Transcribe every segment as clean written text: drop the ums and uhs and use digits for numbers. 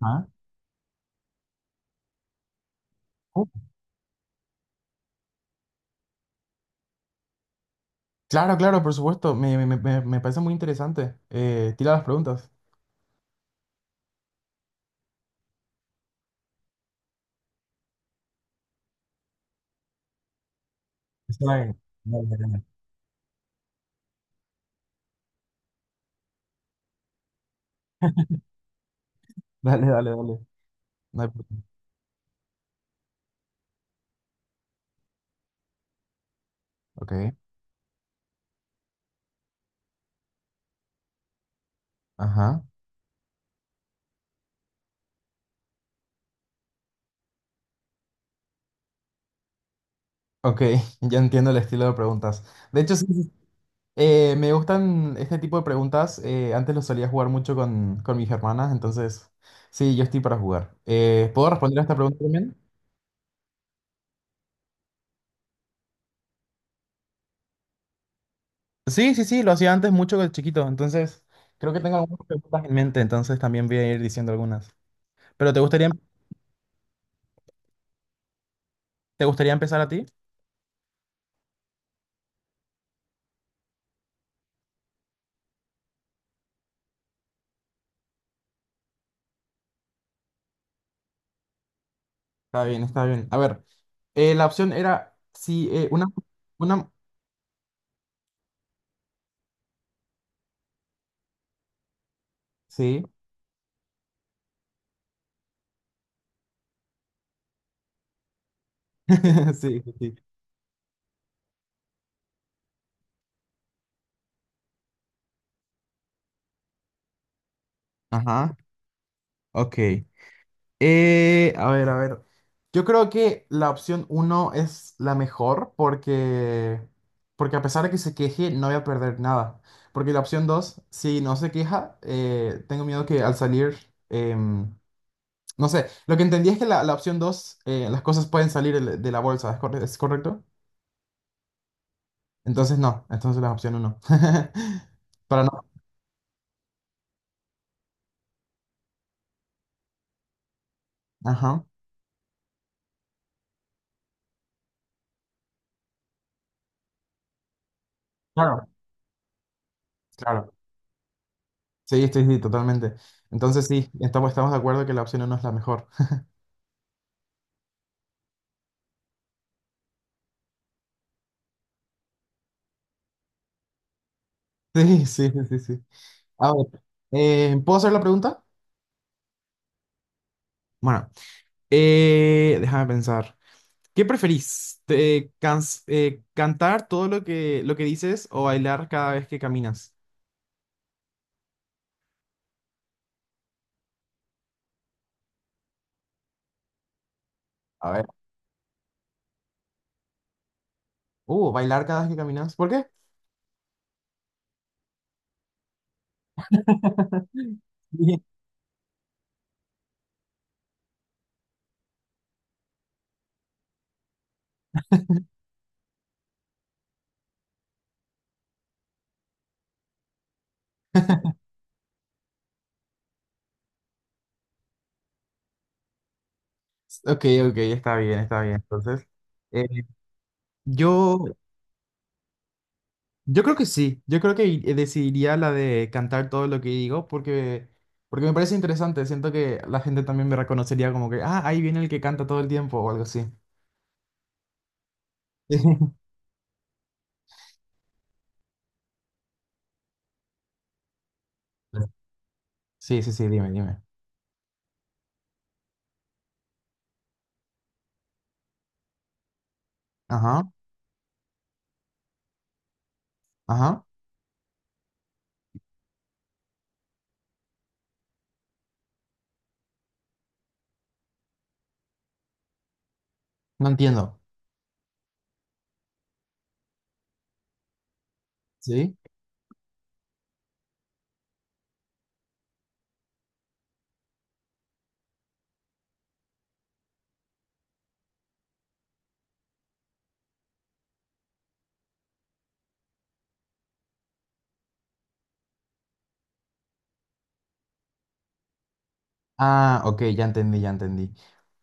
Ah, oh, claro, claro, por supuesto. Me parece muy interesante. Tira las preguntas. Está bien. Dale, dale, dale, dale. Dale. No hay problema. Ok. Ajá. Ok, ya entiendo el estilo de preguntas. De hecho, sí, sí, me gustan este tipo de preguntas. Antes lo solía jugar mucho con mis hermanas, entonces sí, yo estoy para jugar. ¿Puedo responder a esta pregunta también? Sí, sí, sí, lo hacía antes mucho de chiquito, entonces creo que tengo algunas preguntas en mente, entonces también voy a ir diciendo algunas. ¿Pero te gustaría empezar a ti? Está bien, está bien. A ver, la opción era, sí, una, sí, sí, sí, sí. Ajá, ok. A ver, a ver. Yo creo que la opción uno es la mejor porque a pesar de que se queje, no voy a perder nada. Porque la opción 2 si no se queja, tengo miedo que al salir, em, no sé, lo que entendí es que la opción 2 las cosas pueden salir de la bolsa, ¿ es correcto? Entonces no, entonces las opciones no. Para no. Ajá. Claro. Claro. Sí, estoy sí, totalmente. Entonces sí, estamos de acuerdo que la opción uno es la mejor. Sí, sí, sí, sí, sí. A ver, ¿puedo hacer la pregunta? Bueno, déjame pensar. ¿Qué preferís? ¿Cantar todo lo que dices o bailar cada vez que caminas? A ver. Bailar cada vez que caminas. ¿Por qué? Yes. Ok, ok, está bien, está bien. Entonces, eh, yo, yo creo que sí, yo creo que decidiría la de cantar todo lo que digo porque me parece interesante, siento que la gente también me reconocería como que, ah, ahí viene el que canta todo el tiempo o algo así. Sí, sí, sí, dime, dime. Ajá, ajá, no entiendo. ¿Sí? Ah, ok, ya entendí, ya entendí.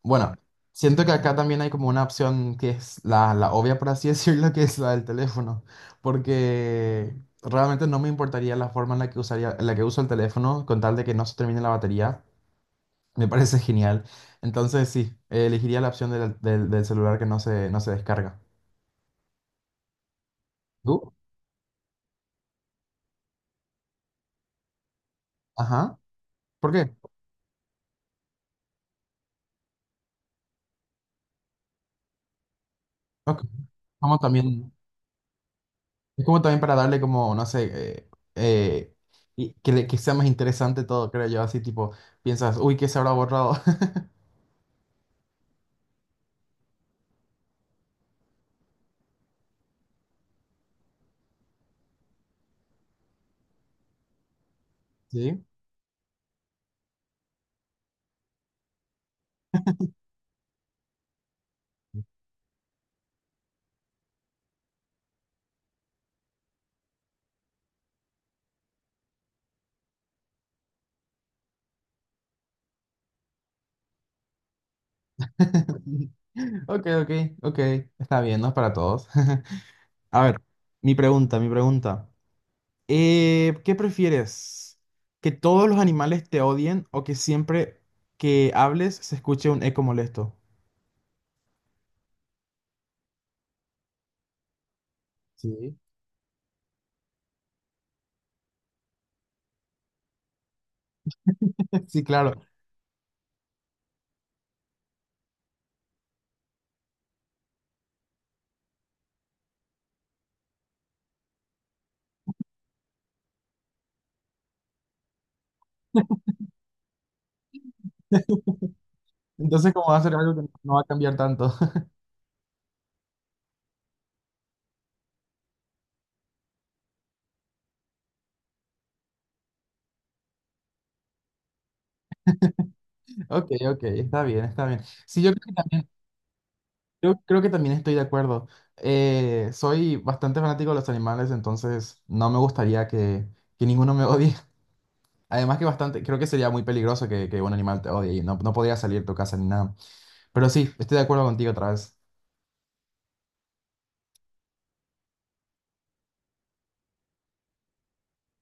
Bueno, siento que acá también hay como una opción que es la obvia, por así decirlo, que es la del teléfono, porque realmente no me importaría la forma en la que usaría, en la que uso el teléfono con tal de que no se termine la batería. Me parece genial. Entonces sí, elegiría la opción del celular que no se, no se descarga. ¿Tú? Ajá. ¿Por qué? Ok. Como también, es como también para darle como, no sé, eh, y que, que sea más interesante todo, creo yo. Así tipo, piensas, uy, ¿qué se habrá borrado? Sí. Ok, ok, ok. Está bien, no es para todos. A ver, mi pregunta, mi pregunta. ¿Qué prefieres? ¿Que todos los animales te odien o que siempre que hables se escuche un eco molesto? Sí. Sí, claro. ¿Entonces, como va a ser algo que no va a cambiar tanto? Ok, ok, está bien, está bien. Sí, yo creo que también estoy de acuerdo. Soy bastante fanático de los animales, entonces no me gustaría que ninguno me odie. Además que bastante, creo que sería muy peligroso que un animal te odie y no, no podría salir de tu casa ni nada. Pero sí, estoy de acuerdo contigo otra vez.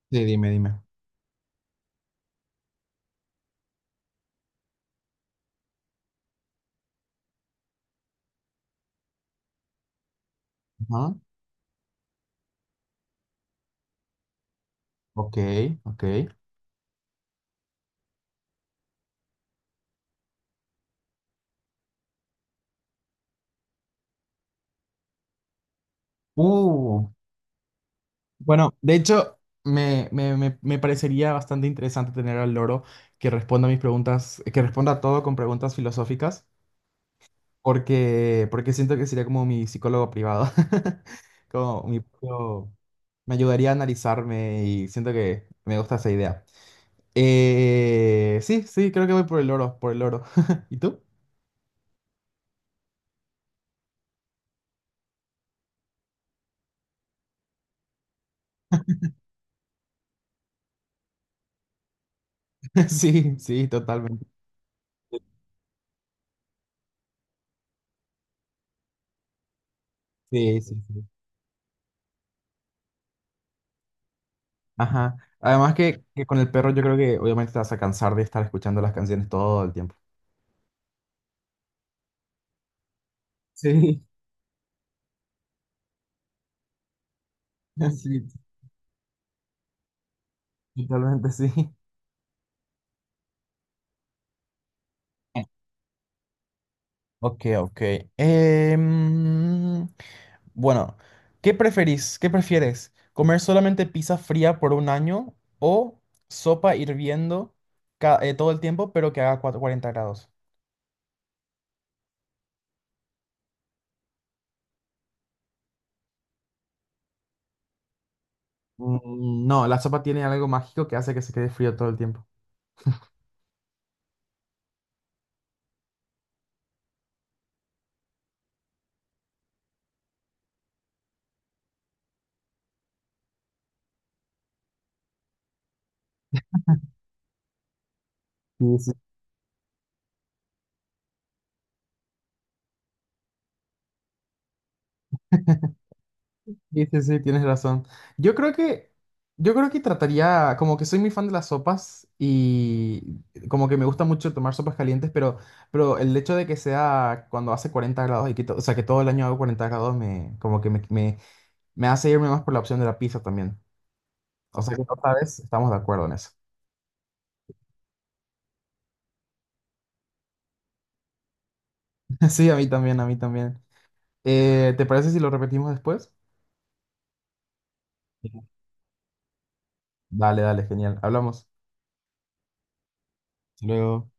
Sí, dime, dime. Ajá. Ok, ok. Uh, bueno, de hecho, me parecería bastante interesante tener al loro que responda a mis preguntas, que responda a todo con preguntas filosóficas, porque siento que sería como mi psicólogo privado. Como mi propio- me ayudaría a analizarme y siento que me gusta esa idea. Sí, sí, creo que voy por el loro, por el loro. ¿Y tú? Sí, sí, totalmente. Sí, sí, sí. Ajá. Además que con el perro yo creo que obviamente te vas a cansar de estar escuchando las canciones todo el tiempo. Sí, sí, totalmente sí. Ok, ok. Em, bueno, ¿qué preferís? ¿Qué prefieres? ¿Comer solamente pizza fría por un año o sopa hirviendo todo el tiempo, pero que haga 40 grados? Mm, mm, no, la sopa tiene algo mágico que hace que se quede frío todo el tiempo. Sí, sí, sí, tienes razón. Yo creo que, yo creo que trataría, como que soy muy fan de las sopas y como que me gusta mucho tomar sopas calientes, pero el hecho de que sea cuando hace 40 grados y o sea, que todo el año hago 40 grados, me, me hace irme más por la opción de la pizza también. O sea que otra vez estamos de acuerdo en eso. Sí, a mí también, a mí también. ¿Te parece si lo repetimos después? Sí. Dale, dale, genial. Hablamos. Hasta luego.